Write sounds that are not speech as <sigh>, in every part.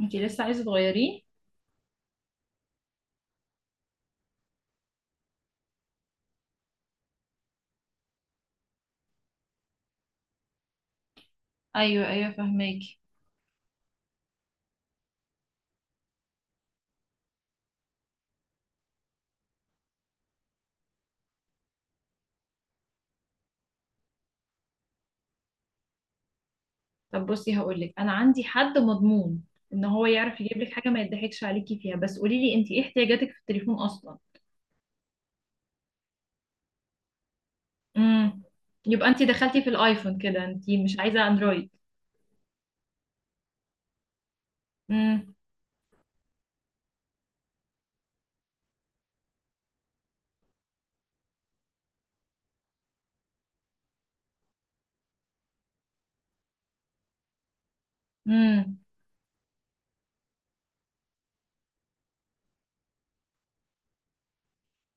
انتي لسه عايزه تغيريه؟ ايوه، ايوه، فهماكي. طب بصي، هقولك انا عندي حد مضمون ان هو يعرف يجيب لك حاجه ما يضحكش عليكي فيها. بس قولي لي انتي، ايه احتياجاتك في التليفون اصلا؟ امم. يبقى انتي دخلتي في الايفون كده، انتي مش عايزه اندرويد. امم. امم.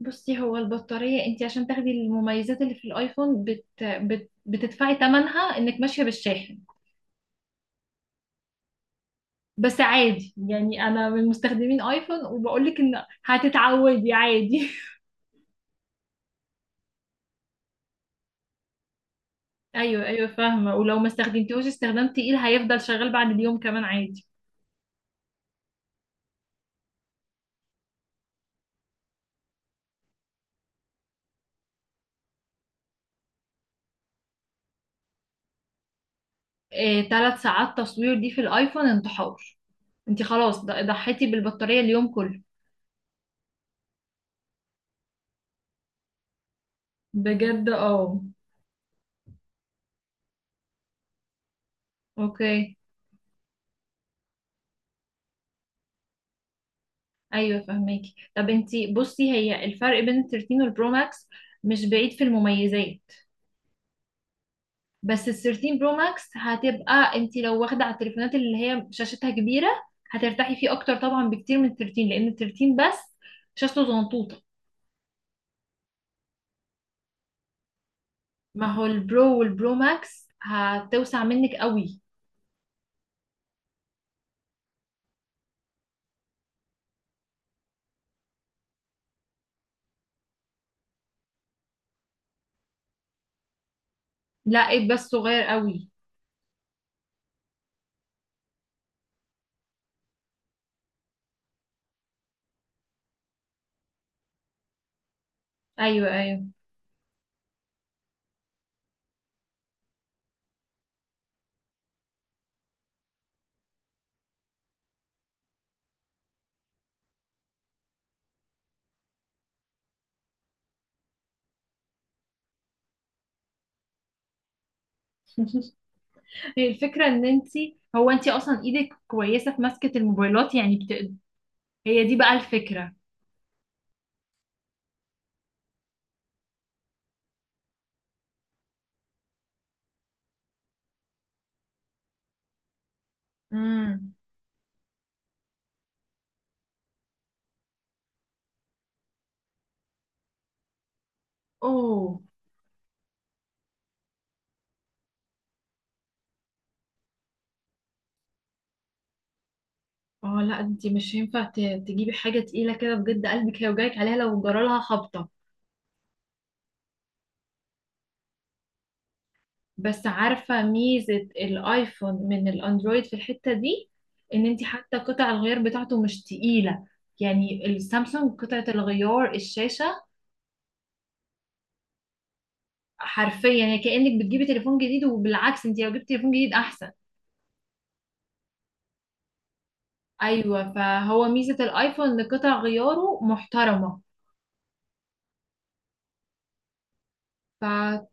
بصي، هو البطاريه انتي عشان تاخدي المميزات اللي في الايفون بتدفعي ثمنها انك ماشيه بالشاحن. بس عادي، يعني انا من مستخدمين ايفون وبقولك ان هتتعودي عادي. ايوه، ايوه، فاهمه. ولو ما استخدمتيهوش استخدام تقيل هيفضل شغال بعد اليوم كمان عادي. إيه، 3 ساعات تصوير دي في الايفون انتحار. انت خلاص ضحيتي بالبطاريه اليوم كله. بجد، اه. اوكي. ايوه فهماكي. طب انت، بصي هي الفرق بين ال 13 والبرو ماكس مش بعيد في المميزات. بس ال 13 برو ماكس هتبقى انت لو واخده على التليفونات اللي هي شاشتها كبيره هترتاحي فيه اكتر طبعا بكتير من ال 13، لان ال 13 بس شاشته زنطوطه. ما هو البرو والبرو ماكس هتوسع منك قوي. لا، ايد بس صغير قوي. ايوه، ايوه، هي الفكره ان انت، هو انت اصلا ايدك كويسه في مسكه الموبايلات، يعني هي دي بقى الفكره. امم. اوه. اه، لا انت مش هينفع تجيبي حاجه تقيله كده بجد، قلبك هيوجعك عليها لو جرالها خبطه. بس عارفه ميزه الايفون من الاندرويد في الحته دي ان انت حتى قطع الغيار بتاعته مش تقيله. يعني السامسونج قطعه الغيار الشاشه، حرفيا يعني كأنك بتجيبي تليفون جديد، وبالعكس انت لو جبتي تليفون جديد احسن. ايوه، فهو ميزة الايفون ان قطع غياره محترمة. فدي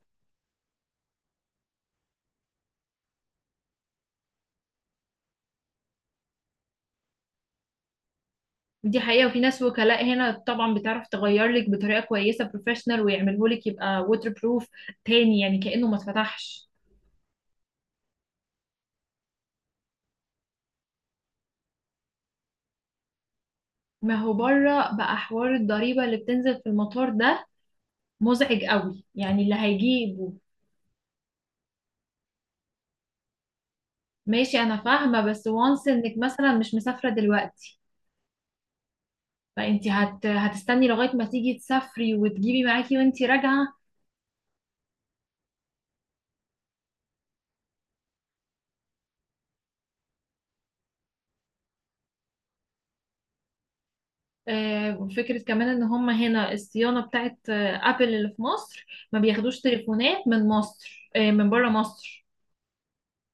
حقيقة. وفي ناس وكلاء هنا طبعا بتعرف تغير لك بطريقة كويسة بروفيشنال ويعمله لك يبقى ووتر بروف تاني، يعني كأنه ما اتفتحش. ما هو بره بقى حوار الضريبة اللي بتنزل في المطار ده مزعج قوي، يعني اللي هيجيبه. ماشي، انا فاهمة. بس وانس انك مثلا مش مسافرة دلوقتي، فانت هتستني لغايه ما تيجي تسافري وتجيبي معاكي وانت راجعه. فكرة كمان ان هم هنا الصيانة بتاعت ابل اللي في مصر ما بياخدوش تليفونات من مصر، من بره مصر.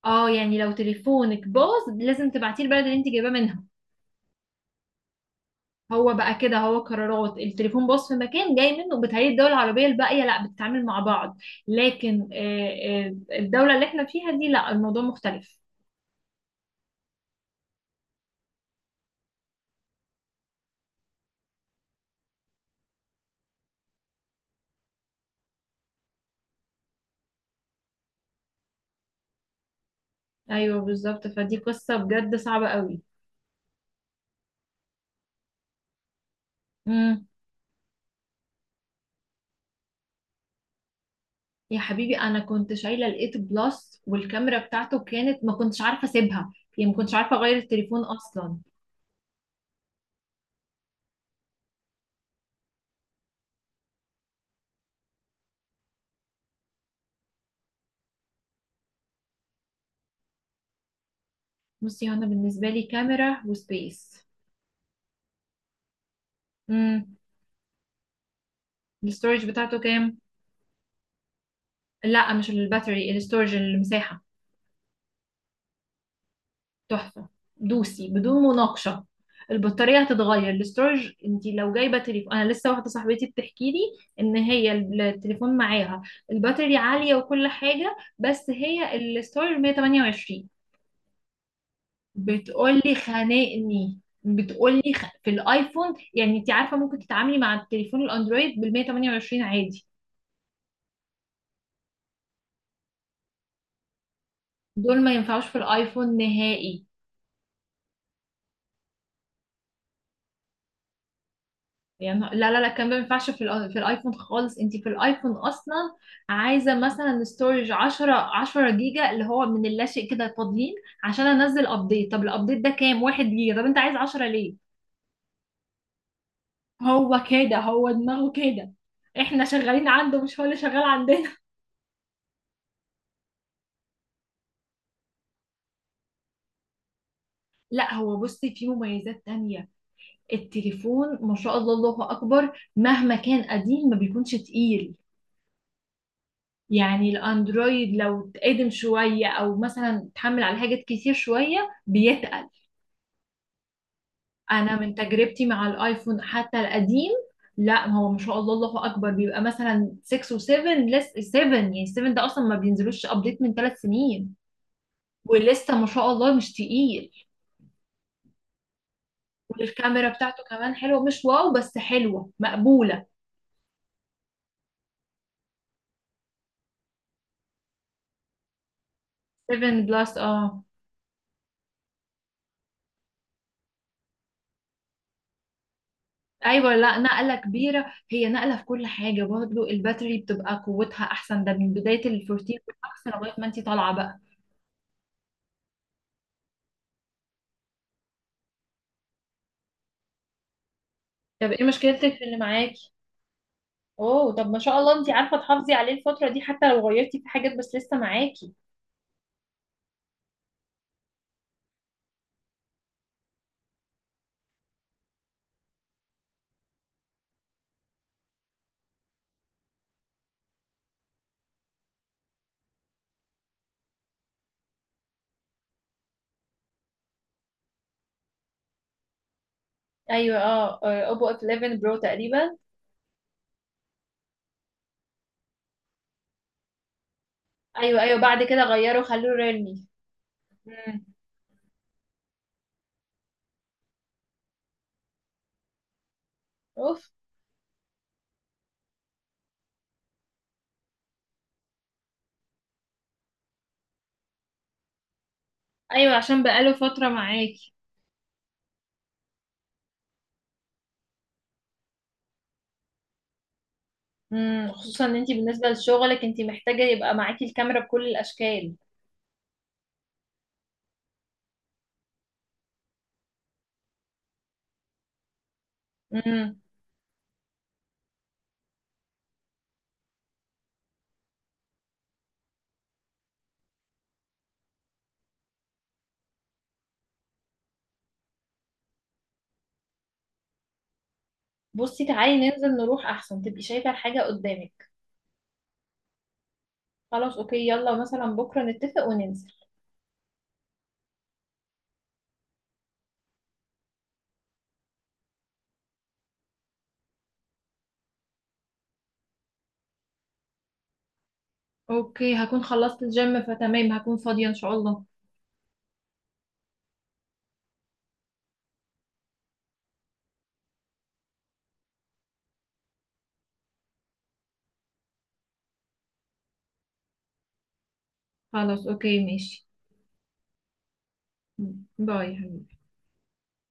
اه، يعني لو تليفونك باظ لازم تبعتيه البلد اللي انت جايباه منها. هو بقى كده، هو قرارات التليفون باظ في مكان جاي منه بتهيئ الدول العربية الباقية لا بتتعامل مع بعض. لكن الدولة اللي احنا فيها دي لا، الموضوع مختلف. ايوه بالظبط، فدي قصة بجد صعبة قوي. يا حبيبي، انا كنت شايله الايت بلس والكاميرا بتاعته كانت ما كنتش عارفه اسيبها، يعني ما كنتش عارفه اغير التليفون اصلا. بصي، هو انا بالنسبه لي كاميرا وسبيس. امم. الاستورج بتاعته كام؟ لا، مش الباتري، الاستورج، المساحه. تحفه. دوسي بدون مناقشه. البطاريه هتتغير. الاستورج، انت لو جايبه تليفون، انا لسه واحده صاحبتي بتحكي لي ان هي التليفون معاها الباتري عاليه وكل حاجه، بس هي الاستورج 128. بتقولي خانقني، بتقولي في الايفون. يعني انت عارفه ممكن تتعاملي مع التليفون الاندرويد بال 128 عادي. دول ما ينفعوش في الايفون نهائي، يعني. لا، لا، لا، الكلام ده ما ينفعش في في الايفون خالص. انت في الايفون اصلا عايزه مثلا ستورج 10، 10 جيجا اللي هو من اللاشيء كده فاضيين، عشان انزل ابديت. طب الابديت ده كام؟ 1 جيجا. طب انت عايز 10 ليه؟ هو كده، هو دماغه كده. احنا شغالين عنده، مش هو اللي شغال عندنا. <laughs> لا، هو بصي، في مميزات تانية. التليفون ما شاء الله، الله اكبر، مهما كان قديم ما بيكونش تقيل. يعني الاندرويد لو اتقدم شويه او مثلا اتحمل على حاجات كتير شويه بيتقل. انا من تجربتي مع الايفون حتى القديم، لا، ما هو ما شاء الله، الله اكبر، بيبقى مثلا 6 و7. لسه 7، يعني 7 ده اصلا ما بينزلوش ابديت من 3 سنين. ولسه ما شاء الله مش تقيل. والكاميرا بتاعته كمان حلوه، مش واو بس حلوه مقبوله. 7 بلس، اه. ايوه، لا نقله كبيره هي، نقله في كل حاجه، برضه الباتري بتبقى قوتها احسن ده من بدايه ال 14 والاكس لغايه ما انت طالعه بقى. طب ايه مشكلتك في اللي معاكي؟ اوه، طب ما شاء الله انت عارفه تحافظي عليه الفتره دي، حتى لو غيرتي في حاجات بس لسه معاكي. ايوه، اه، اوبو اف 11 برو تقريبا. ايوه، ايوه، بعد كده غيره خلوه ريلمي. مم. اوف. ايوه، عشان بقاله فتره معاكي. امم، خصوصا ان انت بالنسبه لشغلك انت محتاجه يبقى معاكي الكاميرا بكل الاشكال. امم. بصي، تعالي ننزل نروح احسن تبقي شايفة الحاجة قدامك. خلاص اوكي، يلا مثلا بكرة نتفق وننزل. اوكي، هكون خلصت الجيم فتمام، هكون فاضية ان شاء الله. خلاص اوكي ماشي. باي.